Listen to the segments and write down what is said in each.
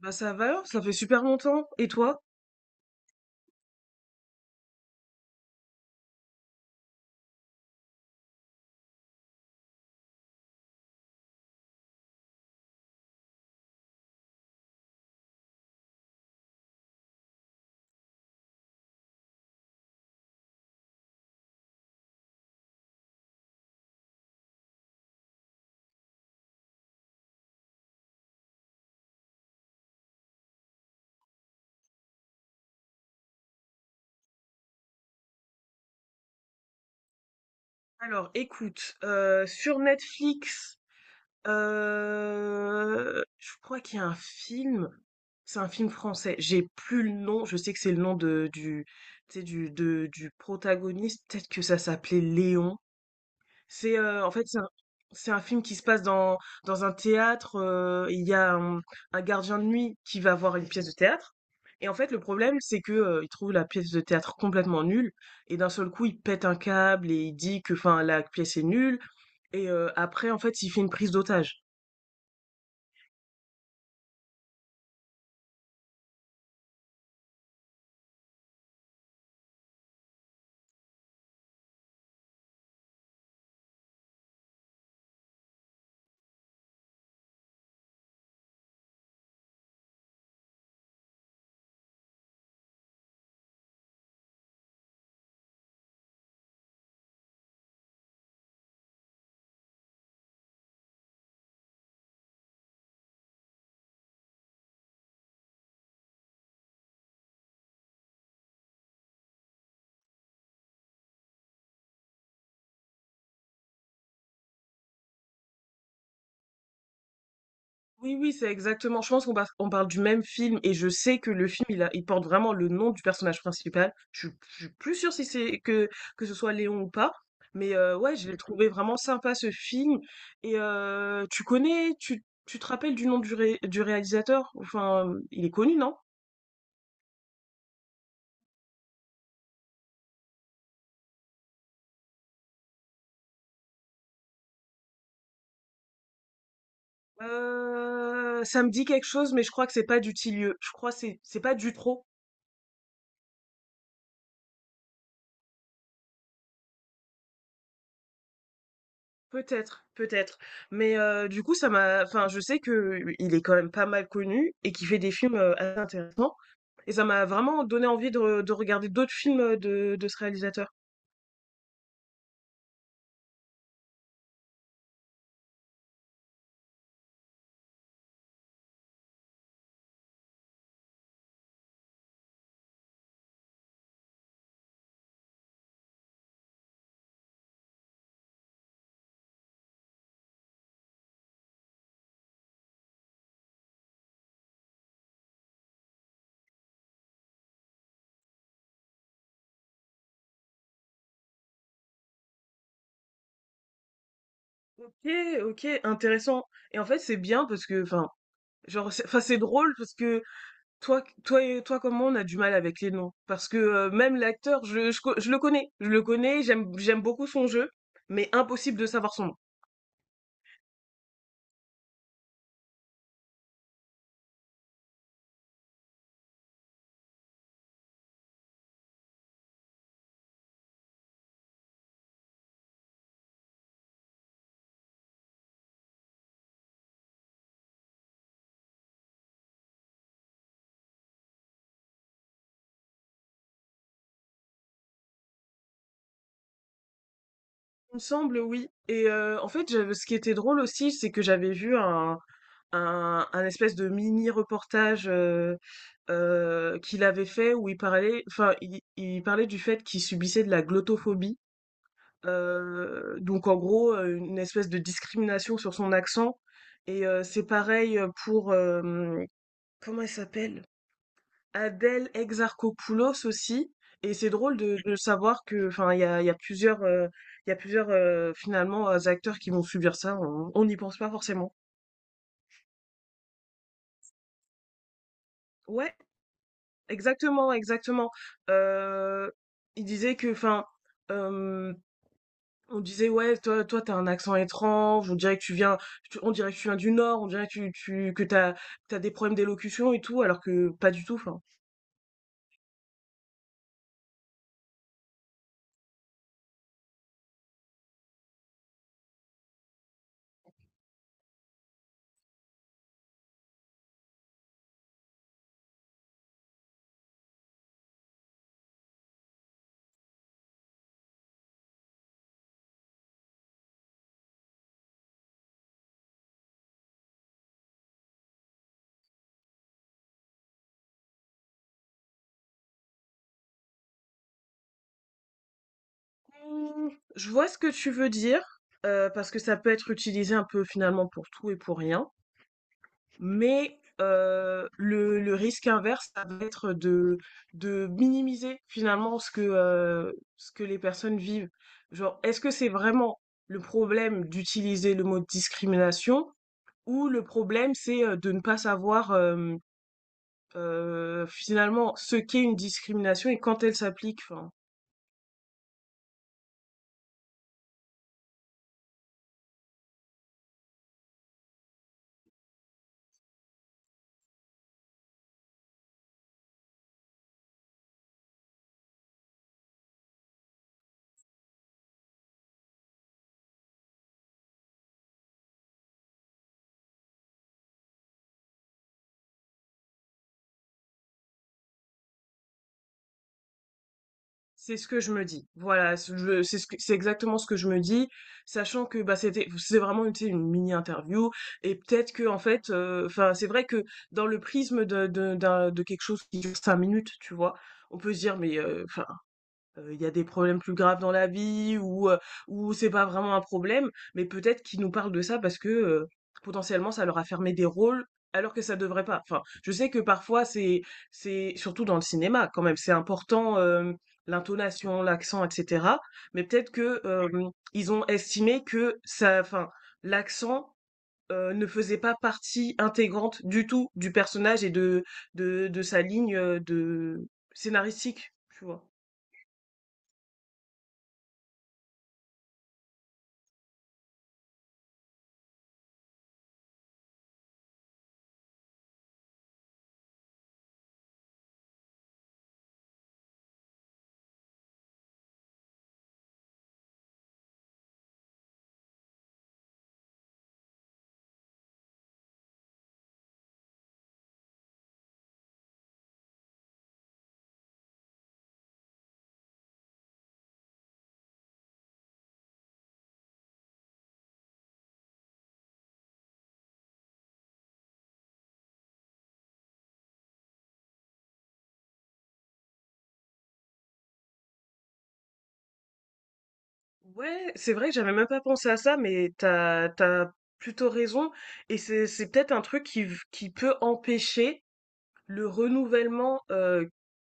Bah ça va, ça fait super longtemps. Et toi? Alors, écoute, sur Netflix, je crois qu'il y a un film. C'est un film français. J'ai plus le nom. Je sais que c'est le nom de du, tu sais, du protagoniste. Peut-être que ça s'appelait Léon. En fait, c'est un film qui se passe dans un théâtre. Il y a un gardien de nuit qui va voir une pièce de théâtre et en fait, le problème, c'est que, il trouve la pièce de théâtre complètement nulle et d'un seul coup, il pète un câble et il dit que, enfin, la pièce est nulle et après, en fait, il fait une prise d'otage. Oui, oui, c'est exactement. Je pense qu'on par- on parle du même film et je sais que le film, il porte vraiment le nom du personnage principal. Je suis plus sûre si c'est que ce soit Léon ou pas. Mais ouais, je l'ai trouvé vraiment sympa ce film. Et tu connais, tu te rappelles du nom du réalisateur? Enfin, il est connu, non? Ça me dit quelque chose, mais je crois que c'est pas du Dutilleux. Je crois que c'est pas Dutro. Peut-être, peut-être. Mais du coup, ça m'a enfin, je sais que il est quand même pas mal connu et qu'il fait des films, assez intéressants et ça m'a vraiment donné envie de regarder d'autres films, de ce réalisateur. OK, OK, intéressant et en fait, c'est bien parce que enfin, genre, c'est enfin, c'est drôle parce que toi et toi comme moi, on a du mal avec les noms parce que, même l'acteur, je le connais. Je le connais, j'aime beaucoup son jeu, mais impossible de savoir son nom. Il me semble, oui. Et en fait, ce qui était drôle aussi, c'est que j'avais vu un espèce de mini-reportage qu'il avait fait où il parlait, enfin, il parlait du fait qu'il subissait de la glottophobie. Donc, en gros, une espèce de discrimination sur son accent. Et c'est pareil pour... euh, comment elle s'appelle? Adèle Exarchopoulos aussi. Et c'est drôle de savoir que, enfin, il y a plusieurs finalement acteurs qui vont subir ça. On n'y pense pas forcément. Ouais, exactement, exactement. Euh, il disait que, enfin, euh, on disait ouais, toi, t'as un accent étrange. On dirait que tu viens du Nord. On dirait que tu, que t'as des problèmes d'élocution et tout, alors que pas du tout. Enfin. Mmh, je vois ce que tu veux dire, parce que ça peut être utilisé un peu finalement pour tout et pour rien. Mais, le risque inverse, ça va être de minimiser finalement ce que les personnes vivent. Genre, est-ce que c'est vraiment le problème d'utiliser le mot discrimination ou le problème c'est, de ne pas savoir, finalement ce qu'est une discrimination et quand elle s'applique? Enfin. C'est ce que je me dis. Voilà, c'est exactement ce que je me dis, sachant que bah c'est vraiment tu sais, une mini interview et peut-être que en fait, enfin c'est vrai que dans le prisme de quelque chose qui dure 5 minutes, tu vois, on peut se dire mais enfin, il y a des problèmes plus graves dans la vie ou c'est pas vraiment un problème, mais peut-être qu'ils nous parlent de ça parce que, potentiellement ça leur a fermé des rôles alors que ça devrait pas. Enfin, je sais que parfois c'est surtout dans le cinéma quand même, c'est important, l'intonation, l'accent et cetera, mais peut-être que, ils ont estimé que ça enfin, l'accent, ne faisait pas partie intégrante du tout du personnage et de sa ligne, de scénaristique, tu vois? Ouais, c'est vrai que j'avais même pas pensé à ça, mais t'as plutôt raison. Et c'est peut-être un truc qui peut empêcher le renouvellement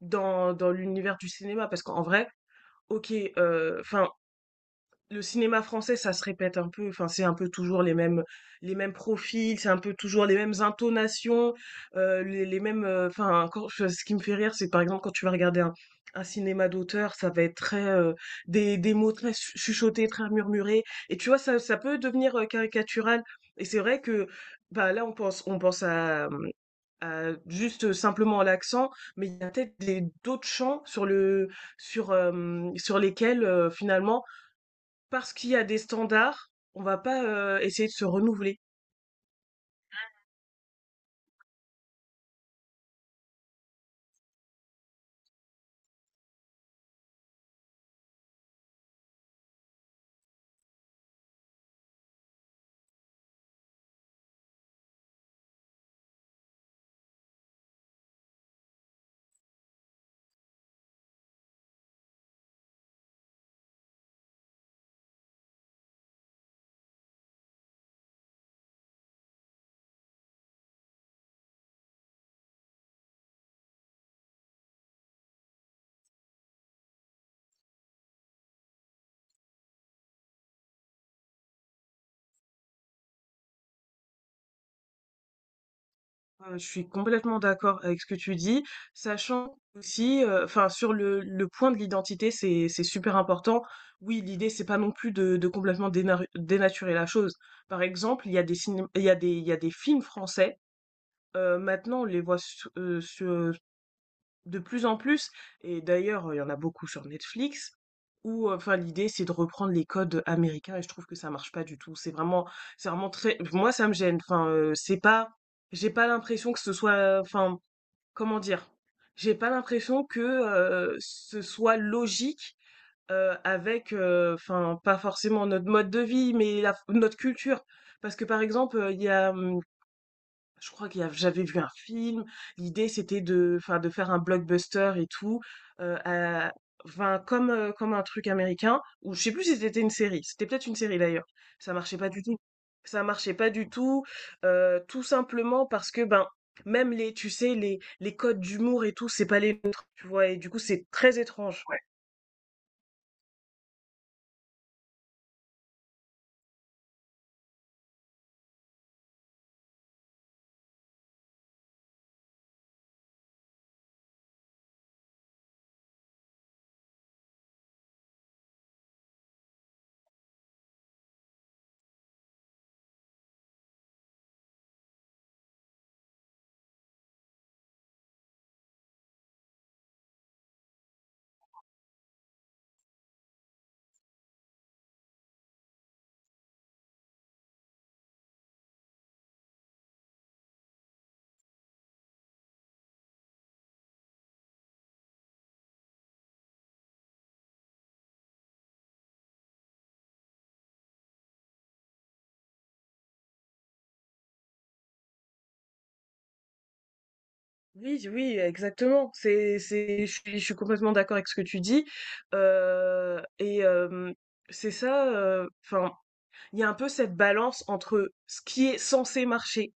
dans l'univers du cinéma. Parce qu'en vrai, ok, enfin, le cinéma français, ça se répète un peu. Enfin, c'est un peu toujours les mêmes, profils, c'est un peu toujours les mêmes intonations, les mêmes. Enfin, encore, ce qui me fait rire, c'est par exemple quand tu vas regarder un cinéma d'auteur, ça va être très des mots très chuchotés, très murmurés. Et tu vois, ça peut devenir caricatural. Et c'est vrai que bah, là, on pense à, juste simplement à l'accent, mais il y a peut-être d'autres champs sur sur lesquels finalement parce qu'il y a des standards, on va pas essayer de se renouveler. Je suis complètement d'accord avec ce que tu dis, sachant aussi, enfin sur le point de l'identité, c'est super important. Oui, l'idée c'est pas non plus de complètement dénaturer la chose. Par exemple, il y a des ciné- il y a des il y a des films français. Maintenant, on les voit de plus en plus, et d'ailleurs, il y en a beaucoup sur Netflix, où enfin l'idée c'est de reprendre les codes américains et je trouve que ça marche pas du tout. C'est vraiment très. Moi, ça me gêne. Enfin c'est pas j'ai pas l'impression que ce soit enfin comment dire? J'ai pas l'impression que ce soit logique avec enfin pas forcément notre mode de vie mais notre culture parce que par exemple il y a je crois qu'il y a, j'avais vu un film. L'idée, c'était enfin, de faire un blockbuster et tout, euh, à- enfin, comme un truc américain, ou je sais plus si c'était une série. C'était peut-être une série d'ailleurs. Ça marchait pas du tout. Ça marchait pas du tout, tout simplement parce que, ben, tu sais, les codes d'humour et tout, c'est pas les nôtres, tu vois. Et du coup, c'est très étrange. Ouais. Oui, oui, exactement. Je suis complètement d'accord avec ce que tu dis. Et c'est ça. Enfin il y a un peu cette balance entre ce qui est censé marcher,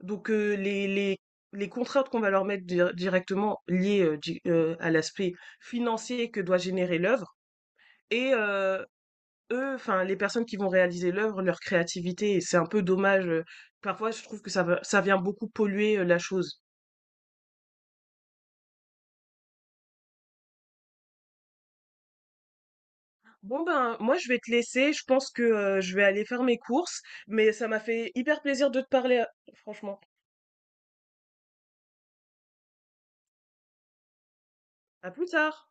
donc les contraintes qu'on va leur mettre directement liées à l'aspect financier que doit générer l'œuvre, et eux, enfin les personnes qui vont réaliser l'œuvre, leur créativité, et c'est un peu dommage. Parfois, je trouve que ça vient beaucoup polluer la chose. Bon ben, moi je vais te laisser, je pense que je vais aller faire mes courses, mais ça m'a fait hyper plaisir de te parler, franchement. À plus tard!